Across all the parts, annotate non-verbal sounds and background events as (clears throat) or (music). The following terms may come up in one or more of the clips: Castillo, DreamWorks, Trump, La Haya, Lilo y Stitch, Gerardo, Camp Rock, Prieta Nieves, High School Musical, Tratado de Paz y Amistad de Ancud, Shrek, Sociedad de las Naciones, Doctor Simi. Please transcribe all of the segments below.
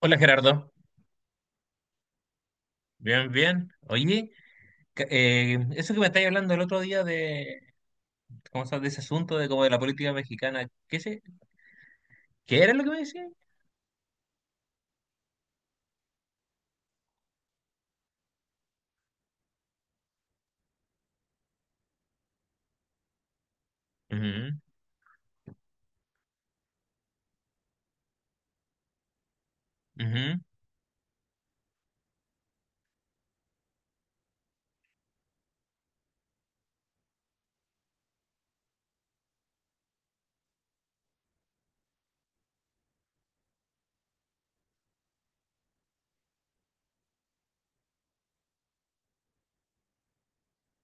Hola, Gerardo. Bien, bien. Oye, eso que me estáis hablando el otro día de, ¿cómo se llama? De ese asunto de como de la política mexicana, ¿qué, se, qué era lo que me decías? Ujú, ujú,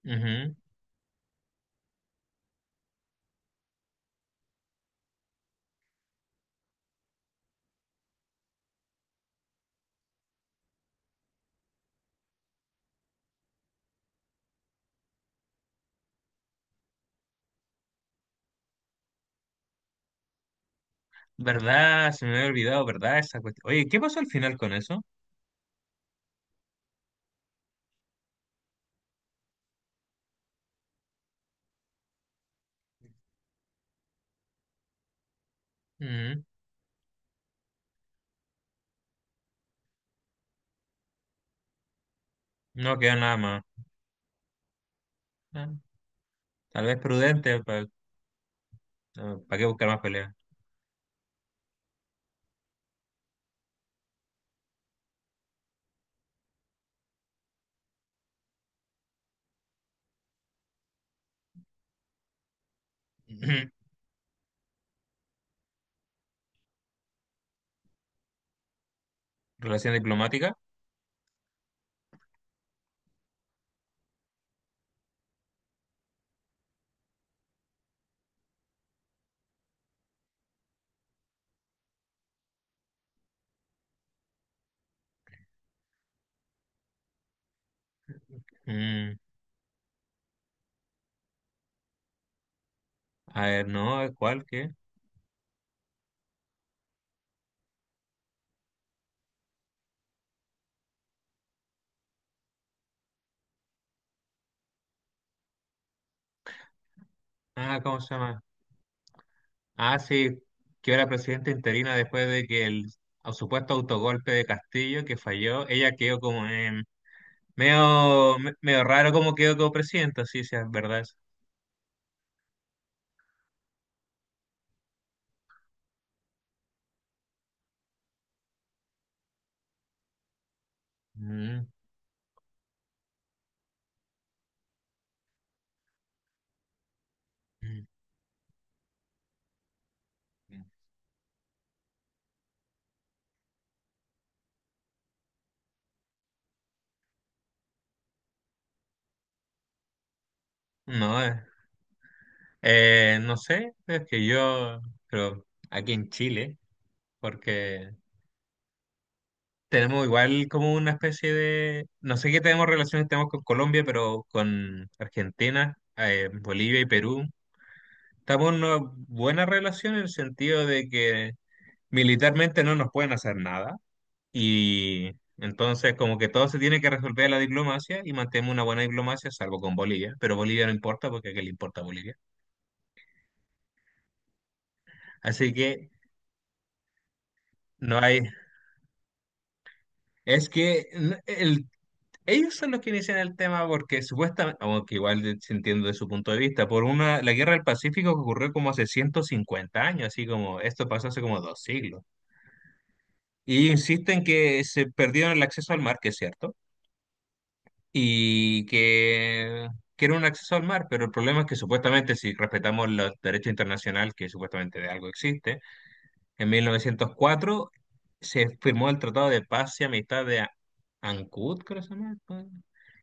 ujú. ¿Verdad? Se me había olvidado, ¿verdad? Esa cuestión. Oye, ¿qué pasó al final con eso? Ujú. No quedó nada más. Ah, tal vez prudente, ¿para qué buscar más peleas? (clears throat) ¿Relación diplomática? Mm, a ver, no, ¿cuál? ¿Qué? Ah, ¿cómo se llama? Ah, sí, que era presidenta interina después de que el supuesto autogolpe de Castillo que falló, ella quedó como medio, medio raro como quedó como presidenta. Sí, sí, es verdad, eso. Mm, mm, no, no sé, es que yo, pero aquí en Chile, porque tenemos igual como una especie de, no sé qué tenemos, relaciones tenemos con Colombia, pero con Argentina, Bolivia y Perú, estamos en una buena relación en el sentido de que militarmente no nos pueden hacer nada, y entonces como que todo se tiene que resolver en la diplomacia, y mantenemos una buena diplomacia salvo con Bolivia. Pero Bolivia no importa, porque ¿a qué le importa a Bolivia? Así que no hay. Es que ellos son los que inician el tema porque supuestamente, aunque igual se entiende de su punto de vista, por una, la guerra del Pacífico, que ocurrió como hace 150 años, así como esto pasó hace como dos siglos. Y insisten que se perdieron el acceso al mar, que es cierto, y que era un acceso al mar, pero el problema es que supuestamente si respetamos los derechos internacional, que supuestamente de algo existe, en 1904 se firmó el Tratado de Paz y Amistad de Ancud, creo que se llama, ¿no?,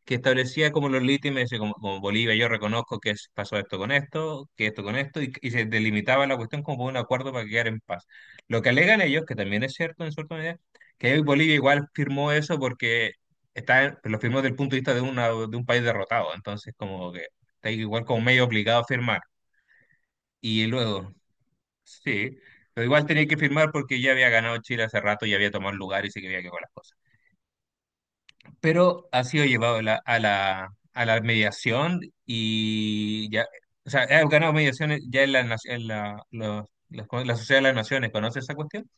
que establecía como los límites, así como, como Bolivia, yo reconozco que pasó esto con esto, que esto con esto, y se delimitaba la cuestión como por un acuerdo para quedar en paz. Lo que alegan ellos, que también es cierto en cierta medida, que Bolivia igual firmó eso porque está, lo firmó desde el punto de vista de, una, de un país derrotado, entonces como que está igual como medio obligado a firmar. Y luego, sí, pero igual tenía que firmar porque ya había ganado Chile hace rato y había tomado el lugar y se quería que con las cosas. Pero ha sido llevado a la, a la, a la mediación y ya, o sea, ha ganado mediaciones ya en la, en la, la Sociedad de las Naciones. ¿Conoce esa cuestión?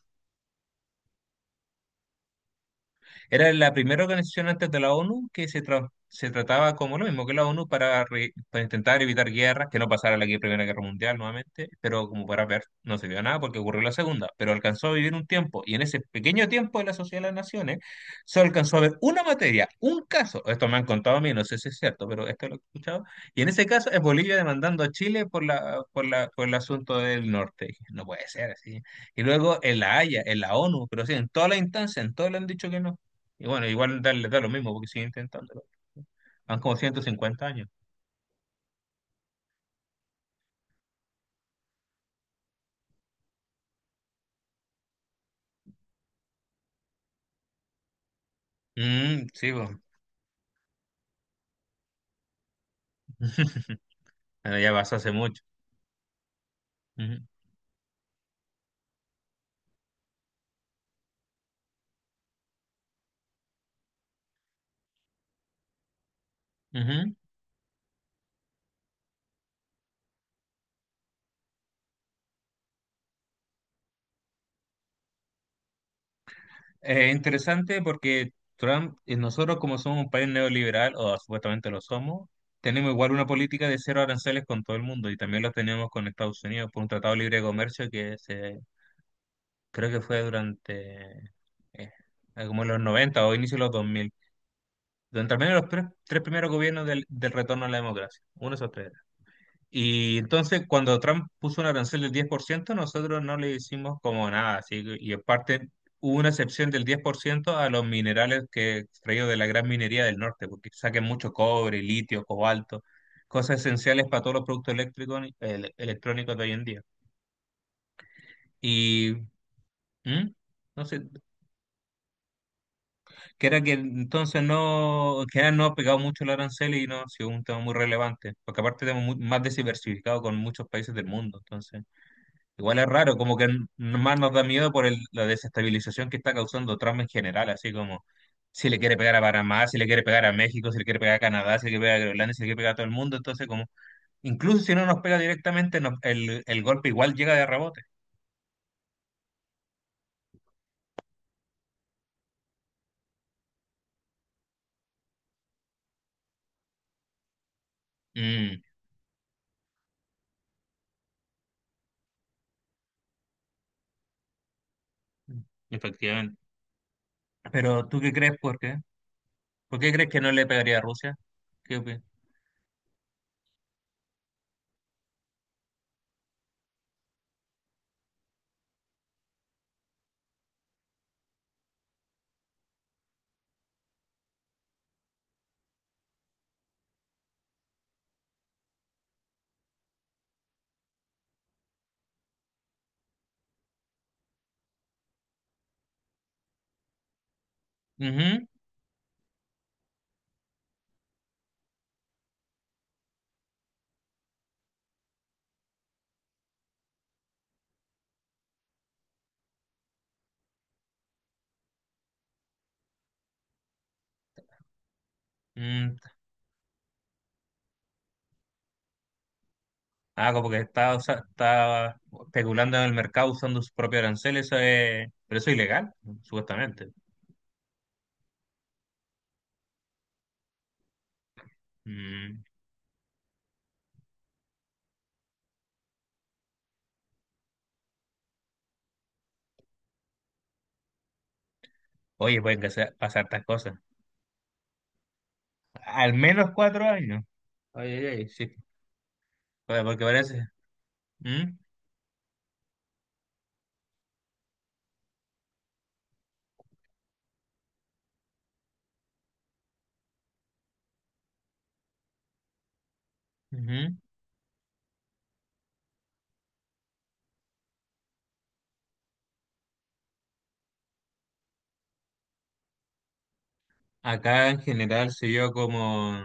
Era la primera organización antes de la ONU, que se, se trataba como lo mismo que la ONU, para, para intentar evitar guerras, que no pasara la Primera Guerra Mundial nuevamente, pero como para ver, no se vio nada porque ocurrió la Segunda, pero alcanzó a vivir un tiempo, y en ese pequeño tiempo de la Sociedad de las Naciones solo alcanzó a ver una materia, un caso, esto me han contado a mí, no sé si es cierto, pero esto lo he escuchado, y en ese caso es Bolivia demandando a Chile por la, por la, por el asunto del norte. Dije, no puede ser así. Y luego en la Haya, en la ONU, pero sí, en todas las instancias, en todo le han dicho que no. Y bueno, igual da, le da lo mismo porque sigue intentándolo. Van como 150 años. Mm, sí, pues. (laughs) Bueno, ya pasó hace mucho. Ujú, ujú. Interesante, porque Trump, nosotros como somos un país neoliberal, o supuestamente lo somos, tenemos igual una política de cero aranceles con todo el mundo, y también lo tenemos con Estados Unidos por un tratado libre de comercio que se, creo que fue durante eh, como en los 90 o inicio de los dos mil, durante al menos los tres, tres primeros gobiernos del, del retorno a la democracia, uno de esos tres. Y entonces cuando Trump puso una arancel del 10%, nosotros no le hicimos como nada, así y aparte hubo una excepción del 10% a los minerales que extraídos de la gran minería del norte, porque saquen mucho cobre, litio, cobalto, cosas esenciales para todos los productos eléctricos, electrónicos de hoy en día. Y ¿mm? No sé, que era que entonces no, que era no ha pegado mucho el arancel y no ha sido un tema muy relevante, porque aparte tenemos más diversificado con muchos países del mundo, entonces. Igual es raro, como que más nos da miedo por la desestabilización que está causando Trump en general, así como si le quiere pegar a Panamá, si le quiere pegar a México, si le quiere pegar a Canadá, si le quiere pegar a Groenlandia, si le quiere pegar a todo el mundo, entonces como, incluso si no nos pega directamente, el golpe igual llega de rebote. Mm, efectivamente. Pero ¿tú qué crees? ¿Por qué? ¿Por qué crees que no le pegaría a Rusia? ¿Qué opinas? Ujú, mm, ah, como que está, está especulando en el mercado usando sus propios aranceles, eso pero eso es ilegal, supuestamente. Mm, oye, pueden que pasar estas cosas. Al menos 4 años. Oye, oye, oye, sí. Oye, porque parece. ¿Mm? Ujú. Acá en general se vio como,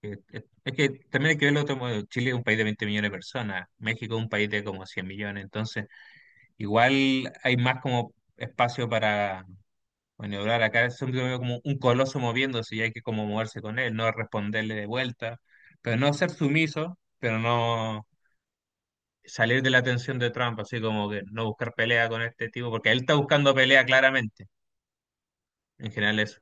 es que también hay que verlo como Chile es un país de 20 millones de personas, México es un país de como 100 millones, entonces igual hay más como espacio para maniobrar. Acá es como un coloso moviéndose, y hay que como moverse con él, no responderle de vuelta, pero no ser sumiso, pero no salir de la tensión de Trump, así como que no buscar pelea con este tipo, porque él está buscando pelea claramente, en general eso.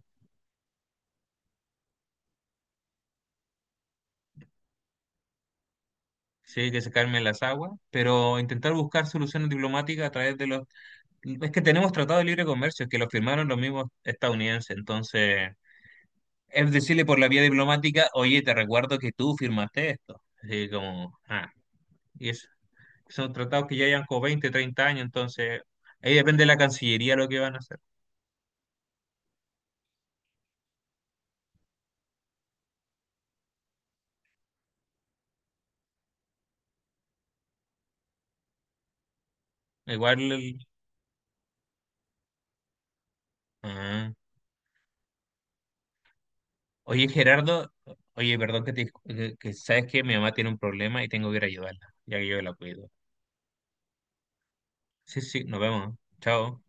Sí, que se calmen las aguas, pero intentar buscar soluciones diplomáticas a través de los... Es que tenemos tratados de libre comercio que los firmaron los mismos estadounidenses, entonces es decirle por la vía diplomática, oye, te recuerdo que tú firmaste esto. Así como, ah, y son tratados que ya llevan como 20, 30 años, entonces ahí depende de la Cancillería lo que van a hacer. Igual, el- ah. Oye, Gerardo, oye, perdón que te, que sabes que mi mamá tiene un problema y tengo que ir a ayudarla, ya que yo la cuido. Sí, sí, nos vemos. Chao.